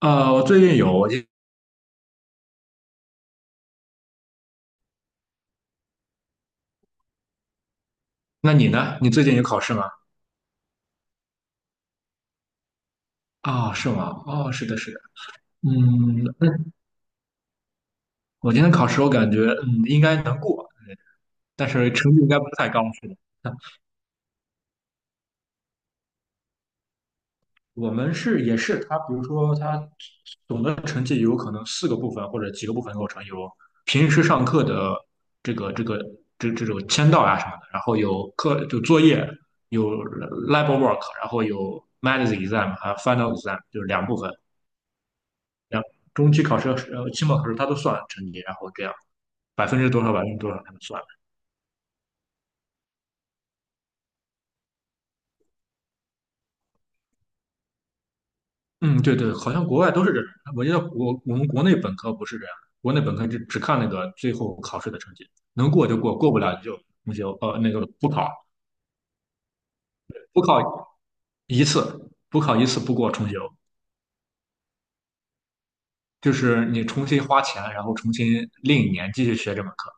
我最近有，那你呢？你最近有考试吗？啊，是吗？哦，是的，是的。嗯，那我今天考试，我感觉应该能过，但是成绩应该不太高，是的。我们是也是，比如说他总的成绩有可能四个部分或者几个部分构成，有平时上课的这个这个这种签到啊什么的，然后有课就作业，有 lab work，然后有 m a t h exam 还有 final exam，就是两部分。中期考试、期末考试，他都算成绩，然后这样百分之多少、百分之多少他们算。嗯，对对，好像国外都是这样。我觉得我们国内本科不是这样，国内本科就只看那个最后考试的成绩，能过就过，过不了就重修，那个补考一次，补考一次不过重修，就是你重新花钱，然后重新另一年继续学这门课，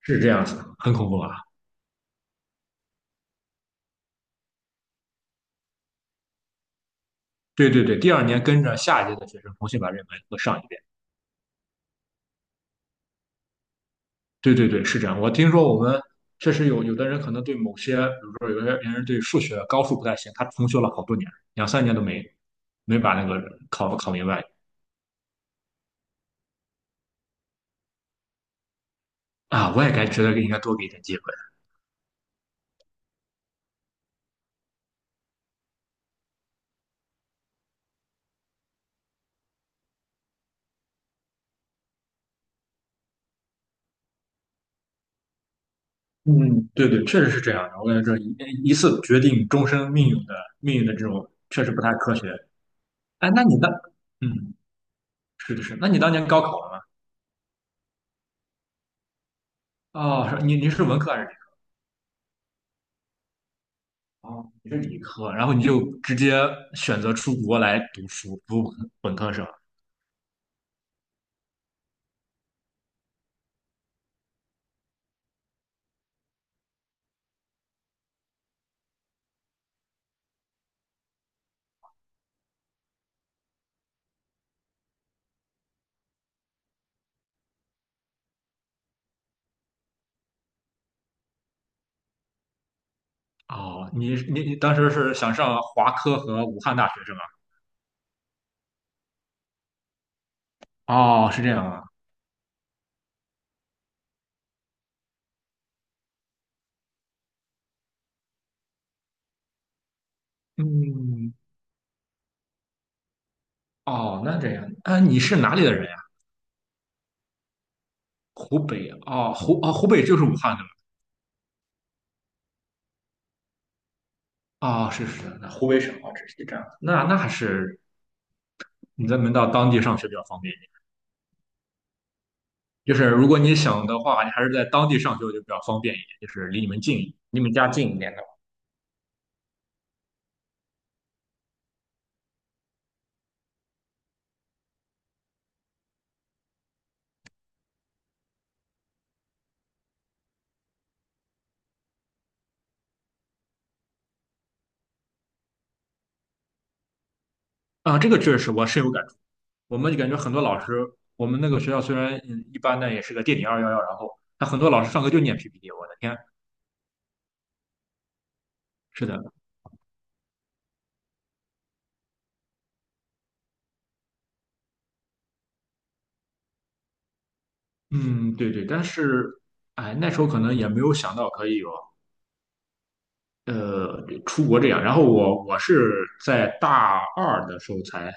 是这样子，很恐怖啊。对对对，第二年跟着下一届的学生重新把这门课上一遍。对对对，是这样。我听说我们确实有的人可能对某些，比如说有些人对数学高数不太行，他重修了好多年，两三年都没把那个考明白啊。我也该觉得应该多给一点机会。嗯，对对，确实是这样的。我感觉这一次决定终身命运的这种，确实不太科学。哎，那你当嗯，是的是，那你当年高考了吗？哦，是你是文科还是理科？哦，你是理科，然后你就直接选择出国来读书，读本科生。哦，你当时是想上华科和武汉大学是吗？哦，是这样啊。嗯，哦，那这样，啊，你是哪里的人呀？湖北哦，湖北就是武汉的吗？哦，是是，那湖北省哦，这是这样。那还是你在门到当地上学比较方便一点。就是如果你想的话，你还是在当地上学就比较方便一点，就是离你们近，离你们家近一点的。啊，这个确实我深有感触。我们就感觉很多老师，我们那个学校虽然一般，呢，也是个垫底211，然后他很多老师上课就念 PPT，我的天，是的，嗯，对对，但是哎，那时候可能也没有想到可以有出国这样，然后我是在大二的时候才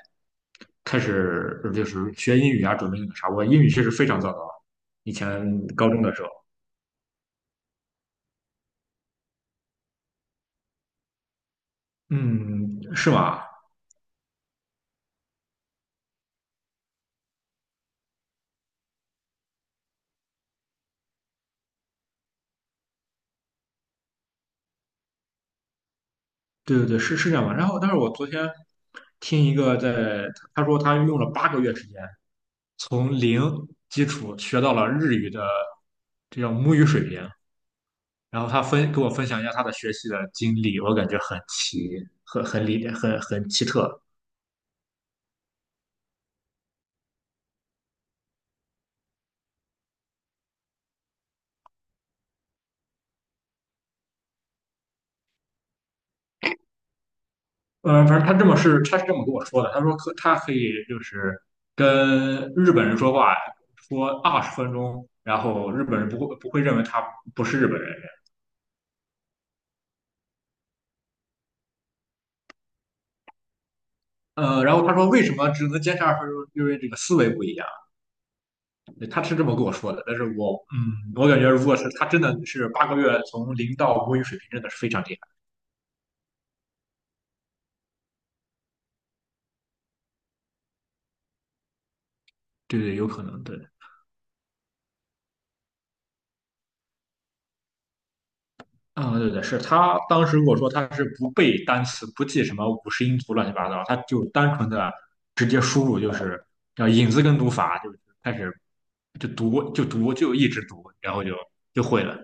开始就是学英语啊，准备那个啥，我英语确实非常糟糕，以前高中的时候，嗯，是吗？对对对，是这样吧。然后，但是我昨天听一个他说他用了八个月时间从零基础学到了日语的这叫母语水平，然后他分给我分享一下他的学习的经历，我感觉很奇，很很理很奇特。反正他是这么跟我说的，他说他可以就是跟日本人说话，说二十分钟，然后日本人不会认为他不是日本人。然后他说为什么只能坚持二十分钟，因为这个思维不一样。对他是这么跟我说的，但是我我感觉如果是他真的是八个月从零到母语水平，真的是非常厉害。对对，有可能对。啊、对对，是他当时跟我说他是不背单词，不记什么五十音图乱七八糟，他就单纯的直接输入，就是叫引字根读法，就是开始就读就一直读，然后就会了。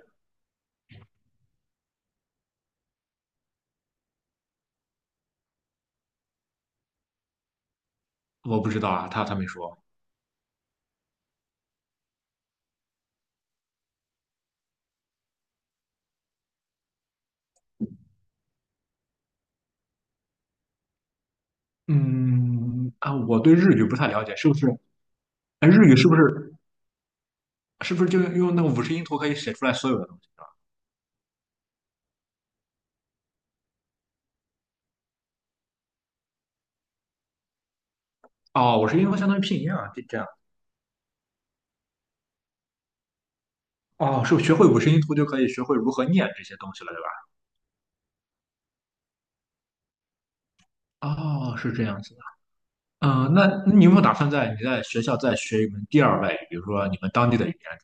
我不知道啊，他没说。嗯啊，我对日语不太了解，是不是？哎，日语是不是就用那个五十音图可以写出来所有的东西？哦，五十音图相当于拼音啊，这样。哦，是学会五十音图就可以学会如何念这些东西了，对吧？哦，是这样子的。嗯、那你有没有打算在你在学校再学一门第二外语，比如说你们当地的语言？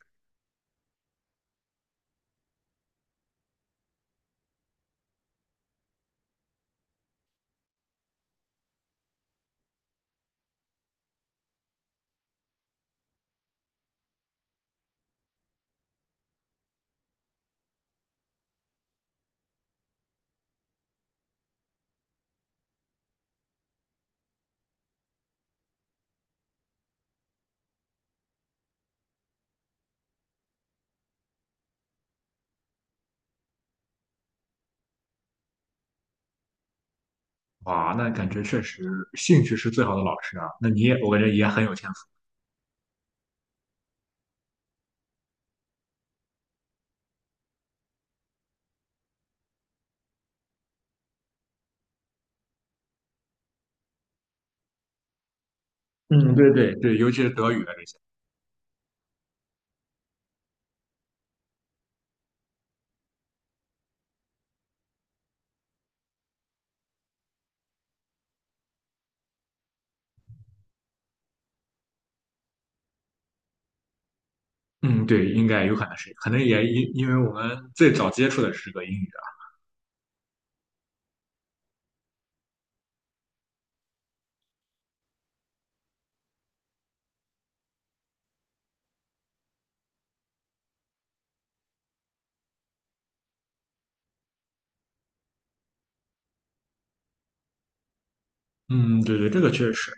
哇，那感觉确实兴趣是最好的老师啊。那你也，我感觉也很有天赋。嗯，对对对，尤其是德语啊这些。嗯，对，应该有可能是，可能也因为我们最早接触的是个英语啊。嗯，对对，这个确实。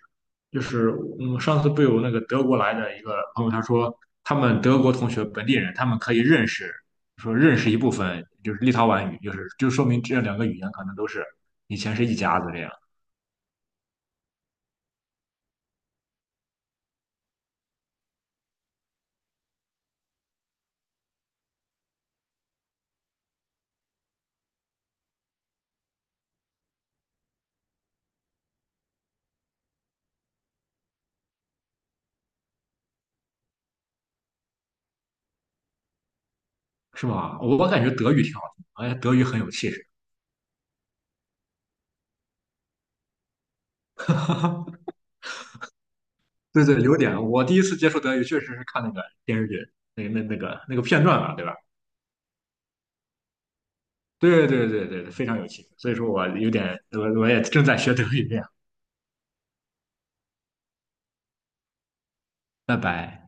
就是上次不有那个德国来的一个朋友，他说他们德国同学本地人，他们可以认识，说认识一部分就是立陶宛语，就是就说明这两个语言可能都是以前是一家子这样，是吧？我感觉德语挺好听，而且德语很有气势。对对，有点。我第一次接触德语确实是看那个电视剧，那个片段嘛，对吧？对对对对，非常有气势。所以说我有点，我也正在学德语这样。拜拜。